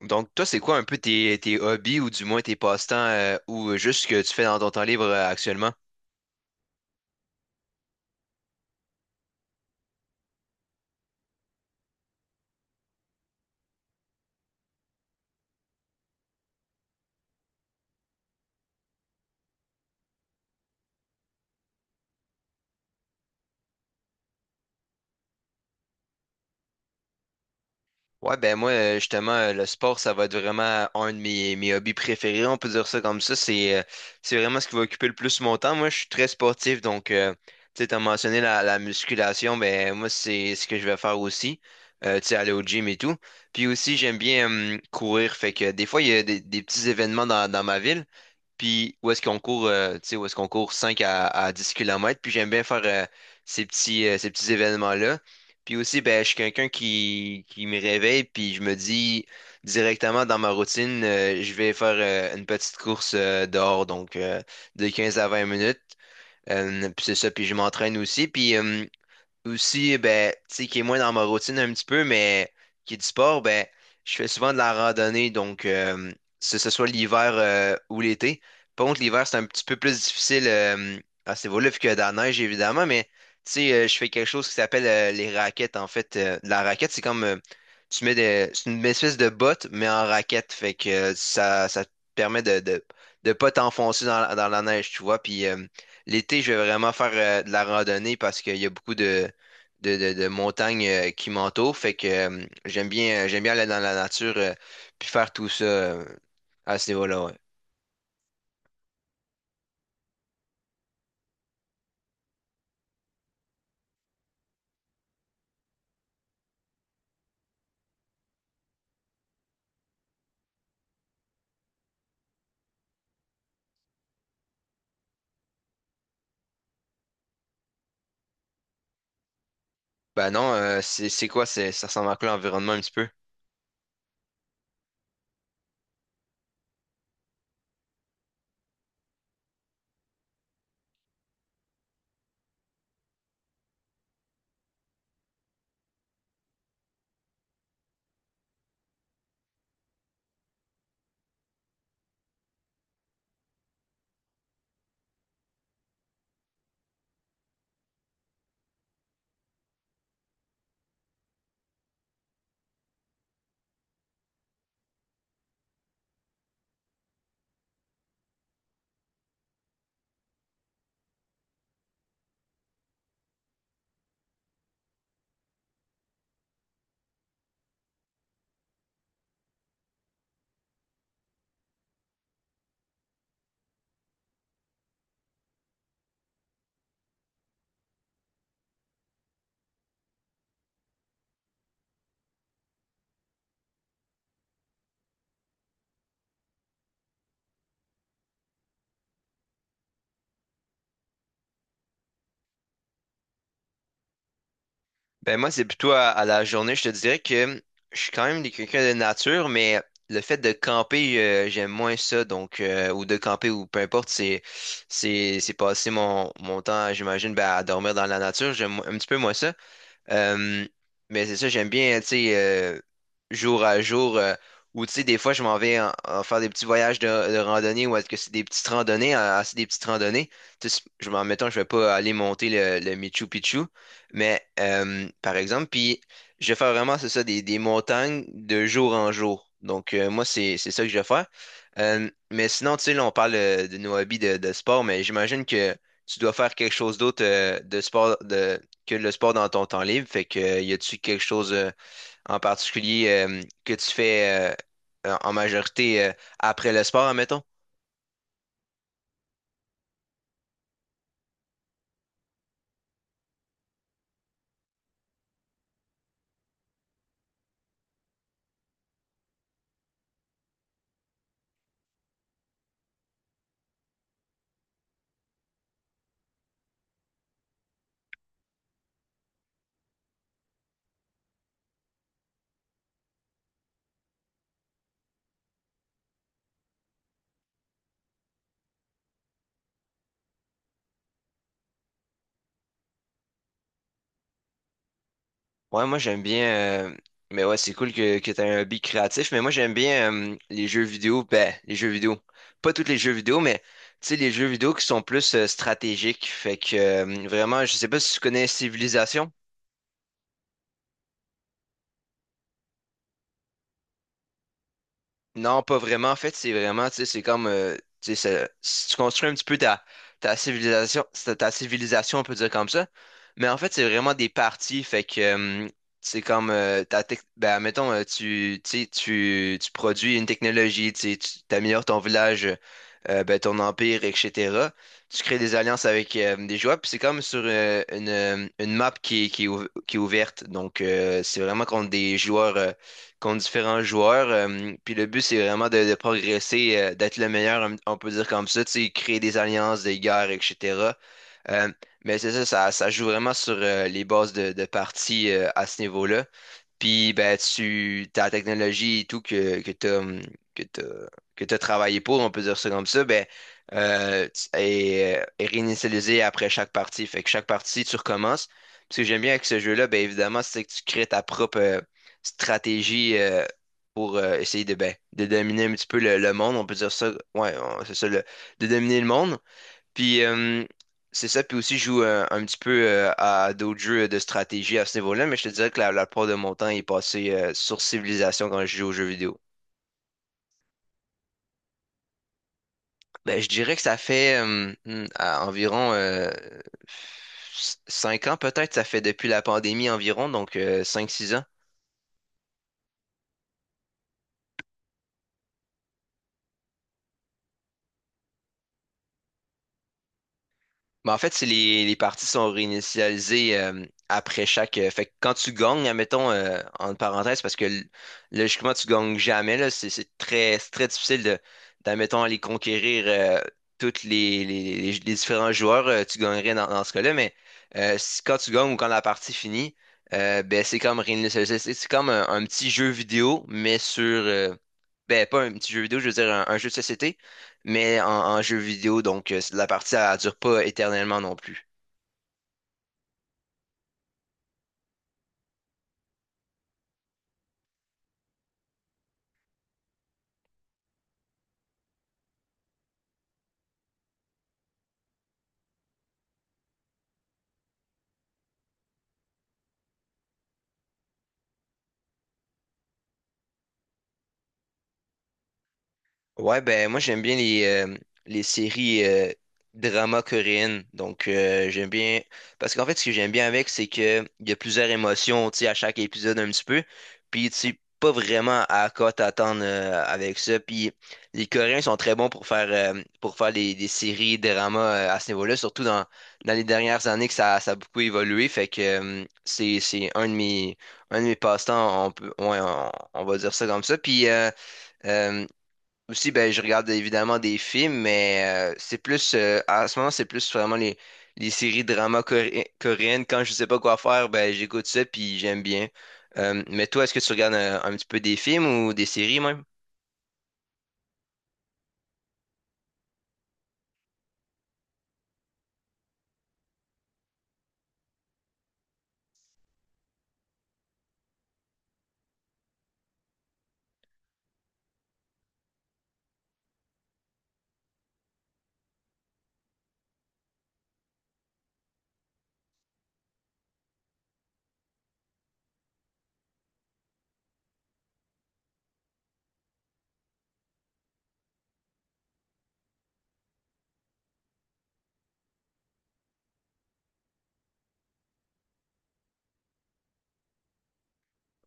Donc, toi, c'est quoi un peu tes hobbies ou du moins tes passe-temps ou juste ce que tu fais dans ton temps libre actuellement? Ouais, ben moi, justement, le sport, ça va être vraiment un de mes hobbies préférés, on peut dire ça comme ça. C'est vraiment ce qui va occuper le plus mon temps. Moi, je suis très sportif, donc, tu sais, t'as mentionné la musculation, ben moi, c'est ce que je vais faire aussi. Tu sais, aller au gym et tout. Puis aussi, j'aime bien courir, fait que des fois, il y a des petits événements dans ma ville. Puis où est-ce qu'on court, tu sais, où est-ce qu'on court 5 à 10 kilomètres. Puis j'aime bien faire ces petits événements-là. Puis aussi, ben, je suis quelqu'un qui me réveille, puis je me dis directement dans ma routine, je vais faire une petite course dehors, donc de 15 à 20 minutes. Puis c'est ça, puis je m'entraîne aussi. Puis Aussi, ben, tu sais, qui est moins dans ma routine un petit peu, mais qui est du sport, ben, je fais souvent de la randonnée, donc que ce soit l'hiver ou l'été. Par contre, l'hiver, c'est un petit peu plus difficile à ce niveau-là, vu qu'il y a de la neige, évidemment, mais tu sais, je fais quelque chose qui s'appelle les raquettes, en fait. La raquette, c'est comme, tu mets des, c'est une espèce de botte, mais en raquette, fait que ça, ça te permet de pas t'enfoncer dans, dans la neige, tu vois, puis... l'été, je vais vraiment faire de la randonnée parce qu'il y a beaucoup de montagnes qui m'entourent. Fait que j'aime bien aller dans la nature puis faire tout ça à ce niveau-là. Ouais. Ben non, c'est quoi, ça ressemble à quoi l'environnement un petit peu? Ben moi, c'est plutôt à la journée. Je te dirais que je suis quand même quelqu'un de nature, mais le fait de camper, j'aime moins ça. Donc, ou de camper ou peu importe, c'est passer mon temps, j'imagine, ben, à dormir dans la nature. J'aime un petit peu moins ça. Euh, mais c'est ça, j'aime bien, tu sais, jour à jour, ou tu sais, des fois, je m'en vais en faire des petits voyages de randonnée, ou est-ce que c'est des petites randonnées, c'est des petites randonnées. Tu sais, je m'en mettons, je vais pas aller monter le Machu Picchu, mais par exemple, puis je vais faire vraiment, c'est ça, des montagnes de jour en jour. Donc, moi, c'est ça que je vais faire. Mais sinon, tu sais, là, on parle de nos hobbies de sport, mais j'imagine que tu dois faire quelque chose d'autre de que le sport dans ton temps libre. Fait que, y a-tu quelque chose en particulier que tu fais en en majorité après le sport, admettons? Ouais, moi j'aime bien. Mais ouais, c'est cool que tu un hobby créatif. Mais moi j'aime bien les jeux vidéo. Ben, les jeux vidéo. Pas tous les jeux vidéo, mais tu sais, les jeux vidéo qui sont plus stratégiques. Fait que vraiment, je sais pas si tu connais Civilisation. Non, pas vraiment. En fait, c'est vraiment, tu sais, c'est comme, tu sais, si tu construis un petit peu ta civilisation, ta civilisation, on peut dire comme ça. Mais en fait, c'est vraiment des parties. Fait que, c'est comme, ben, mettons, tu produis une technologie, tu sais, tu améliores ton village, ben, ton empire, et cetera. Tu crées des alliances avec des joueurs, puis c'est comme sur une map qui est ouverte. Donc, c'est vraiment contre des joueurs. Contre différents joueurs. Puis le but, c'est vraiment de progresser, d'être le meilleur, on peut dire comme ça, tu sais, créer des alliances, des guerres, etc. Euh, mais c'est ça, ça joue vraiment sur les bases de partie à ce niveau-là. Puis ben tu ta technologie et tout que t'as que t'as que t'as travaillé pour, on peut dire ça comme ça, ben est réinitialisée après chaque partie. Fait que chaque partie, tu recommences. Puis ce que j'aime bien avec ce jeu-là, ben évidemment, c'est que tu crées ta propre stratégie pour essayer de ben, de dominer un petit peu le monde. On peut dire ça. C'est ça le, de dominer le monde. Puis C'est ça, puis aussi je joue petit peu à d'autres jeux de stratégie à ce niveau-là, mais je te dirais que la plupart de mon temps est passé sur Civilisation quand je joue aux jeux vidéo. Ben, je dirais que ça fait à environ 5 ans peut-être, ça fait depuis la pandémie environ, donc 5 6 ans. Ben en fait, c'est les parties sont réinitialisées après chaque. Fait que quand tu gagnes, admettons, en parenthèse, parce que logiquement, tu gagnes jamais, là, c'est très difficile de, d'admettons, aller conquérir toutes les différents joueurs. Tu gagnerais dans ce cas-là, mais quand tu gagnes ou quand la partie finit, ben, c'est comme réinitialiser. C'est comme un petit jeu vidéo, mais sur. Ben, pas un petit jeu vidéo, je veux dire un jeu de société mais en jeu vidéo, donc la partie, elle dure pas éternellement non plus. Ouais, ben moi j'aime bien les séries drama coréennes. Donc j'aime bien. Parce qu'en fait, ce que j'aime bien avec, c'est que il y a plusieurs émotions tu sais, à chaque épisode un petit peu. Puis tu sais pas vraiment à quoi t'attendre avec ça. Puis les Coréens sont très bons pour faire des séries drama à ce niveau-là, surtout dans les dernières années que ça a beaucoup évolué. Fait que c'est un de mes passe-temps, on peut ouais, on va dire ça comme ça. Puis euh, Aussi, ben, je regarde évidemment des films, mais c'est plus, à ce moment, c'est plus vraiment les séries drama coréennes. Quand je sais pas quoi faire, ben, j'écoute ça, puis j'aime bien. Mais toi, est-ce que tu regardes un petit peu des films ou des séries même?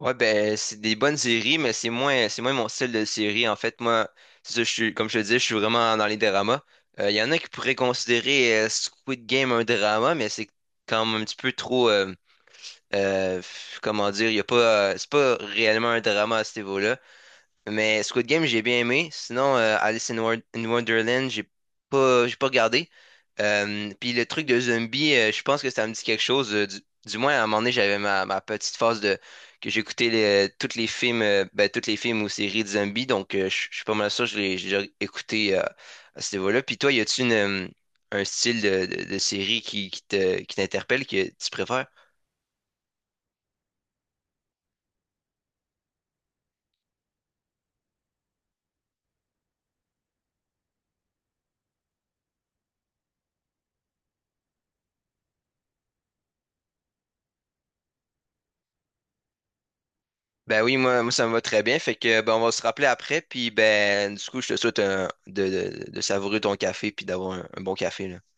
Ouais, ben, c'est des bonnes séries, mais c'est moins mon style de série. En fait, moi, c'est ça, comme je te disais, je suis vraiment dans les dramas. Il y en a qui pourraient considérer Squid Game un drama, mais c'est quand même un petit peu trop. Comment dire, y a pas, c'est pas réellement un drama à ce niveau-là. Mais Squid Game, j'ai bien aimé. Sinon, Alice in, in Wonderland, j'ai pas regardé. Puis le truc de zombie, je pense que ça me dit quelque chose. Du moins, à un moment donné, j'avais ma petite phase de que j'écoutais les, tous les films, ben, tous les films ou séries de zombies. Donc, je suis pas mal sûr, que je l'ai j'ai déjà écouté à ce niveau-là. Puis toi, y a-tu une, un style de série qui t'interpelle, que tu préfères? Ben oui, moi, ça me va très bien. Fait que ben, on va se rappeler après. Puis ben du coup, je te souhaite de, de savourer ton café puis d'avoir un bon café. Là.